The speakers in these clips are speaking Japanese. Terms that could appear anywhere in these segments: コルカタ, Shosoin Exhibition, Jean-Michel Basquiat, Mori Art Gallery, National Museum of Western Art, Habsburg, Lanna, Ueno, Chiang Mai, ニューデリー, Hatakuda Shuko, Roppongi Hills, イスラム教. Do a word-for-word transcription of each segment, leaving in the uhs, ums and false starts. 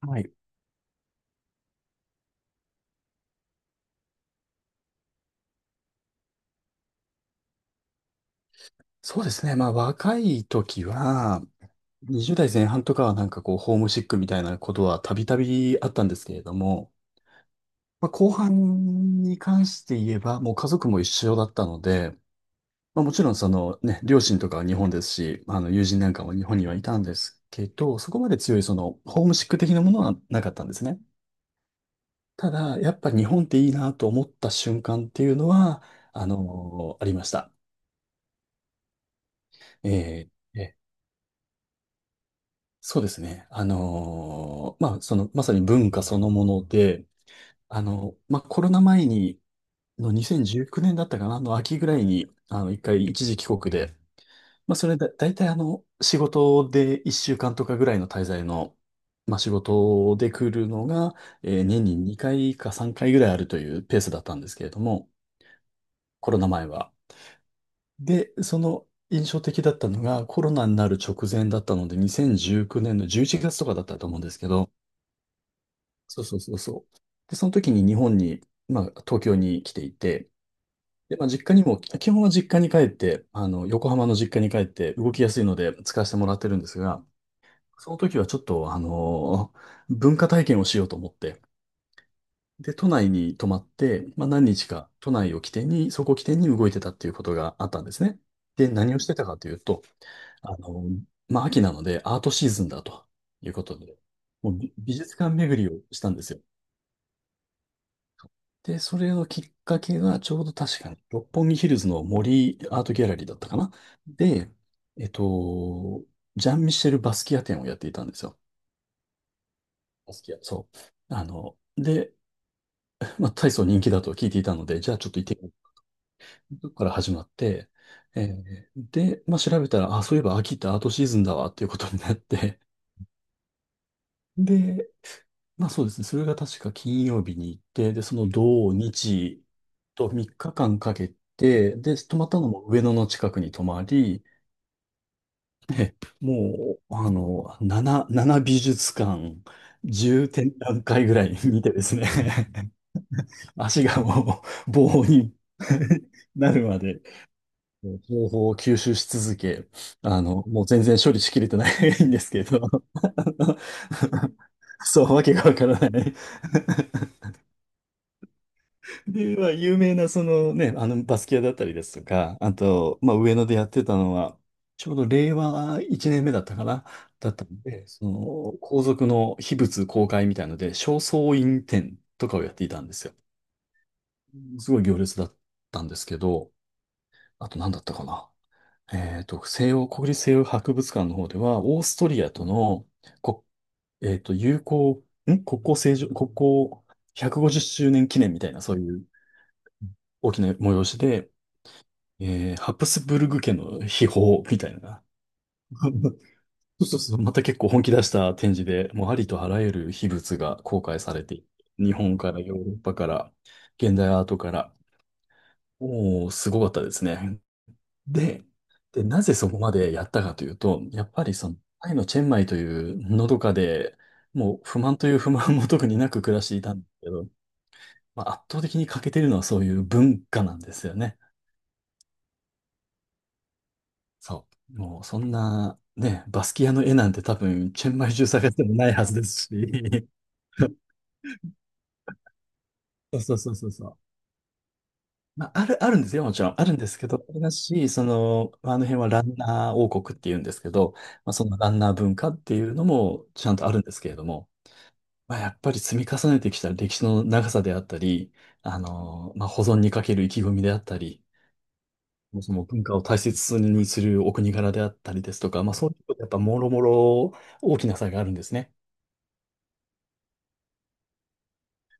はい。そうですね。まあ、若い時は、にじゅう代前半とかはなんかこう、ホームシックみたいなことはたびたびあったんですけれども、まあ、後半に関して言えば、もう家族も一緒だったので、まあ、もちろんそのね、両親とかは日本ですし、まあの、友人なんかも日本にはいたんですけど、そこまで強いその、ホームシック的なものはなかったんですね。ただ、やっぱ日本っていいなと思った瞬間っていうのは、あのありました。えーそうですね。あのーまあ、その、まさに文化そのもので、あの、まあ、コロナ前に、のにせんじゅうきゅうねんだったかな、あの秋ぐらいに、あの、一回一時帰国で、まあ、それだ、大体あの、仕事でいっしゅうかんとかぐらいの滞在の、まあ、仕事で来るのが、えー年ににかいかさんかいぐらいあるというペースだったんですけれども、コロナ前は。で、その印象的だったのが、コロナになる直前だったので、にせんじゅうきゅうねんのじゅういちがつとかだったと思うんですけど、そうそうそうそう。で、その時に日本に、まあ、東京に来ていて、で、まあ、実家にも、基本は実家に帰って、あの、横浜の実家に帰って動きやすいので使わせてもらってるんですが、その時はちょっと、あの文化体験をしようと思って、で、都内に泊まって、まあ、何日か都内を起点に、そこを起点に動いてたっていうことがあったんですね。で、何をしてたかというと、あのまあ、秋なのでアートシーズンだということで、もう美美術館巡りをしたんですよ。で、それのきっかけが、ちょうど確かに、六本木ヒルズの森アートギャラリーだったかな。で、えっと、ジャン・ミシェル・バスキア展をやっていたんですよ。バスキア。そう。あの、で、まあ、大層人気だと聞いていたので、じゃあちょっと行ってみよう。そこから始まって、えーで、まあ、調べたら、あ、そういえば秋ってアートシーズンだわっていうことになって、で、まあそうですね。それが確か金曜日に行って、で、その土日とみっかかんかんかけて、で、泊まったのも上野の近くに泊まり、で、もう、あの、なな、なな美術館、じゅう展覧会ぐらい 見てですね、足がもう棒に なるまで、情報を吸収し続け、あの、もう全然処理しきれてないんですけど、そう、わけがわからないで、は有名なそのね、あのバスキアだったりですとか、あと、まあ、上野でやってたのは、ちょうど令和いちねんめだったかな、だったんで、その皇族の秘仏公開みたいので、正倉院展とかをやっていたんですよ。すごい行列だったんですけど、あと何だったかな。えっと、西洋、国立西洋博物館の方では、オーストリアとのこ、えっと、友好、ん国交正常、国交ひゃくごじゅうしゅうねん記念みたいな、そういう大きな催しで、えーハプスブルグ家の秘宝みたいな。そうそうそう。また結構本気出した展示で、もうありとあらゆる秘仏が公開されていて、日本からヨーロッパから、現代アートから、もうすごかったですね。で、で、なぜそこまでやったかというと、やっぱりその、タイのチェンマイというのどかで、もう不満という不満も特になく暮らしていたんですけど、まあ、圧倒的に欠けてるのはそういう文化なんですよね。そう。もうそんな、ね、バスキアの絵なんて多分、チェンマイ中探してもないはずですし。そうそうそうそうそう。まあ、ある、あるんですよ、もちろん。あるんですけど、あれだし、その、まああの辺はランナー王国っていうんですけど、まあ、そのランナー文化っていうのもちゃんとあるんですけれども、まあ、やっぱり積み重ねてきた歴史の長さであったり、あの、まあ、保存にかける意気込みであったり、もうその文化を大切にするお国柄であったりですとか、まあ、そういうことやっぱもろもろ大きな差があるんですね。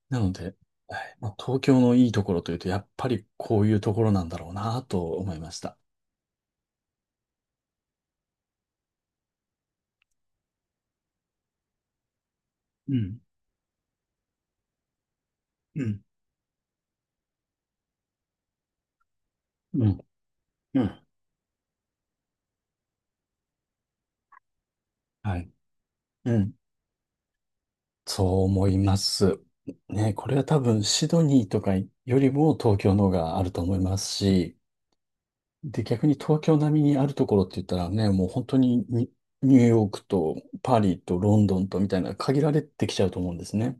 なので、はい、まあ、東京のいいところというと、やっぱりこういうところなんだろうなと思いました。うん、うん、うん。うん、はい。うん。そう思います。ね、これは多分シドニーとかよりも東京の方があると思いますし、で、逆に東京並みにあるところって言ったらね、もう本当にニニューヨークとパリとロンドンとみたいな限られてきちゃうと思うんですね。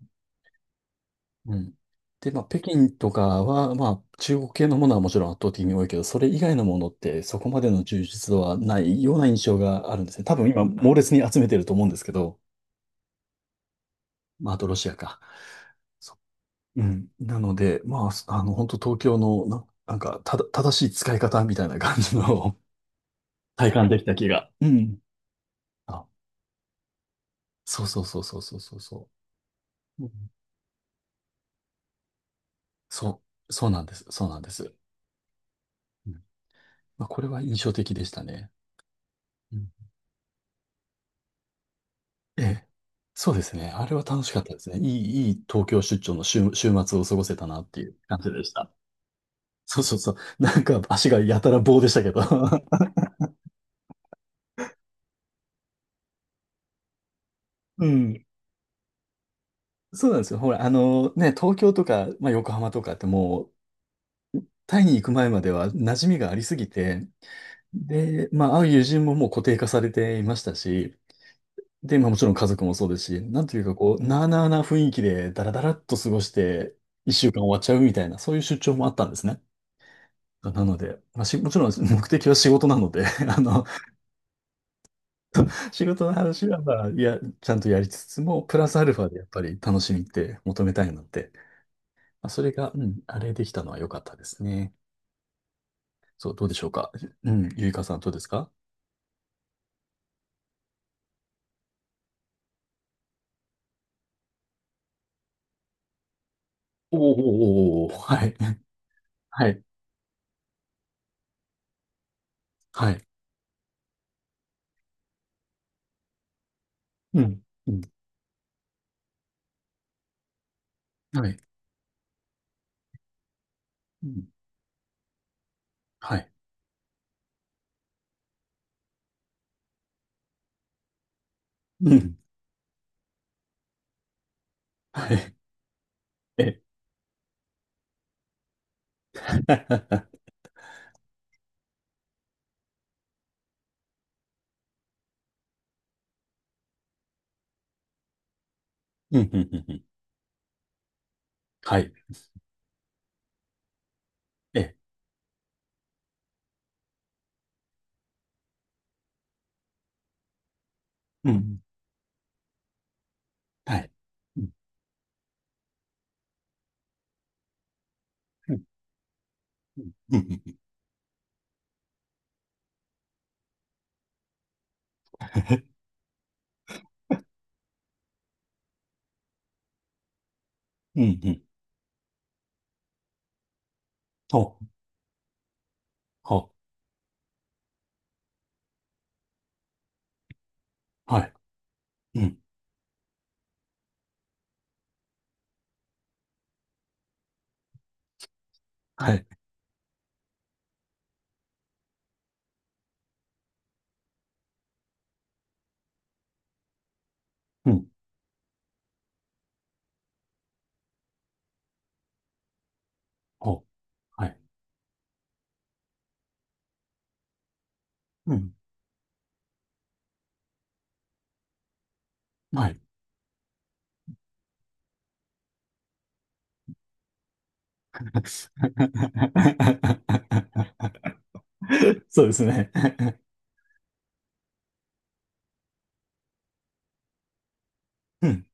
うん。で、まあ、北京とかは、まあ、中国系のものはもちろん圧倒的に多いけど、それ以外のものってそこまでの充実度はないような印象があるんですね。多分今、猛烈に集めてると思うんですけど、まあ、あとロシアか。そうん。なので、まあ、あの、本当東京のな、なんか、ただ、正しい使い方みたいな感じの 体感できた気が。うん。あ、そうそうそうそうそうそうそう。うん、そう、そうなんです。そうなんです。うん、まあ、これは印象的でしたね。うん、ええ、そうですね。あれは楽しかったですね。いい、いい東京出張の週、週末を過ごせたなっていう感じでした。そうそうそう。なんか足がやたら棒でしたけど。うん。そうなんですよ。ほら、あのね、東京とか、まあ、横浜とかってもう、タイに行く前までは馴染みがありすぎて、で、まあ、会う友人ももう固定化されていましたし、で、まあもちろん家族もそうですし、なんというかこう、なあなあな雰囲気でダラダラっと過ごして、いっしゅうかん終わっちゃうみたいな、そういう出張もあったんですね。なのでまあもちろん目的は仕事なので、あの仕事の話はまあやちゃんとやりつつも、プラスアルファでやっぱり楽しみって求めたいので、まあそれが、うん、あれできたのは良かったですね。そう、どうでしょうか。うん、ゆいかさん、どうですか？おお、はい、はい、はい、うん、うん、はい、はい、うん、はい、え、うん、うん、うん、はい、え、うん、はい、うん、うん、うん、うん、うん、うん、おお、はい、うん。はい。うん。ほう。はい。うん。はい。そうですね。うん。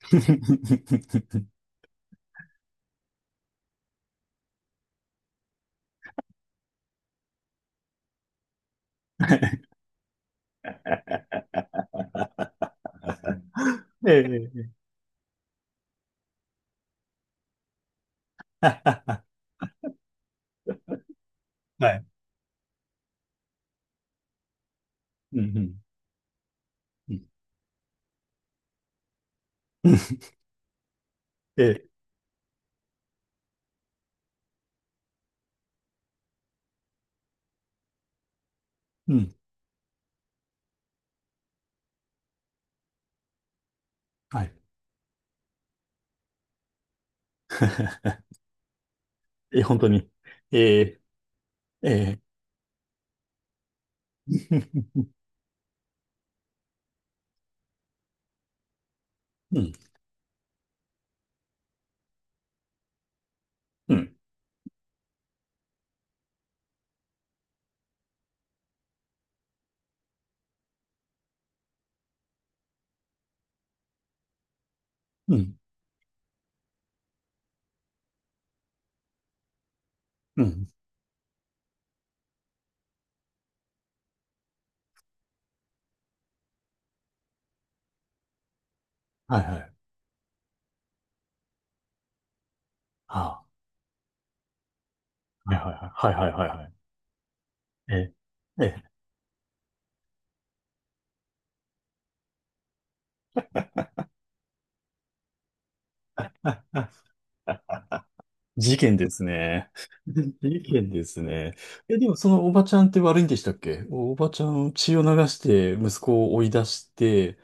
ええ、ああ。 はい。うん、うん、うん。ええ、うん、はい。え、本当に。ええ、ええ。うん、うん、うん、うん。はい、はい。ああ、はい、はい、はい。はい、はい、はい、はい。ええ、ええ。事件ですね。事件ですね。え、でもそのおばちゃんって悪いんでしたっけ？おおばちゃん血を流して息子を追い出して、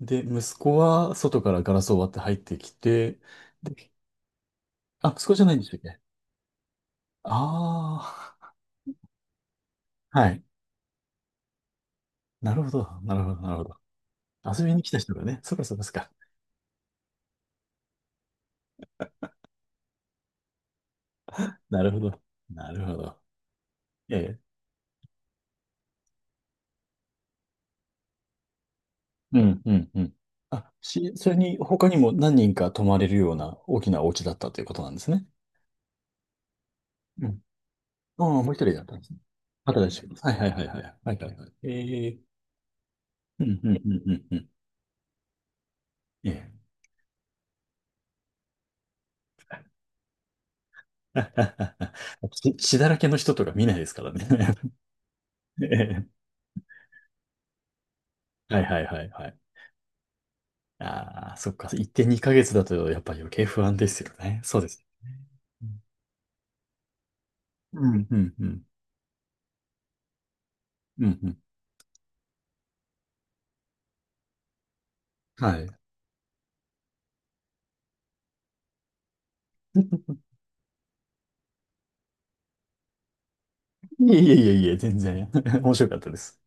で、息子は外からガラスを割って入ってきて、で、あ、息子じゃないんでしたっけ？ああー、はい。なるほど、なるほど、なるほど。遊びに来た人がね、そうかそうかそうか。なるほど、なるほど。ええ、うん、うん、うん。あ、し、それに他にも何人か泊まれるような大きなお家だったということなんですね。ああ、もう一人だったんですね。畑田修子さん。はい、はい、はい、はい。はい、はい、はい。ええ、うん、うん、うん、うん、うん。ええ。血、血だらけの人とか見ないですからね。ええ、はい、はい、はい、はい。ああ、そっか。一点にかげつだとやっぱり余計不安ですよね。そうです。うん、うん、うん。うん、うん。はい。いえいえいえいえ、全然。面白かったです。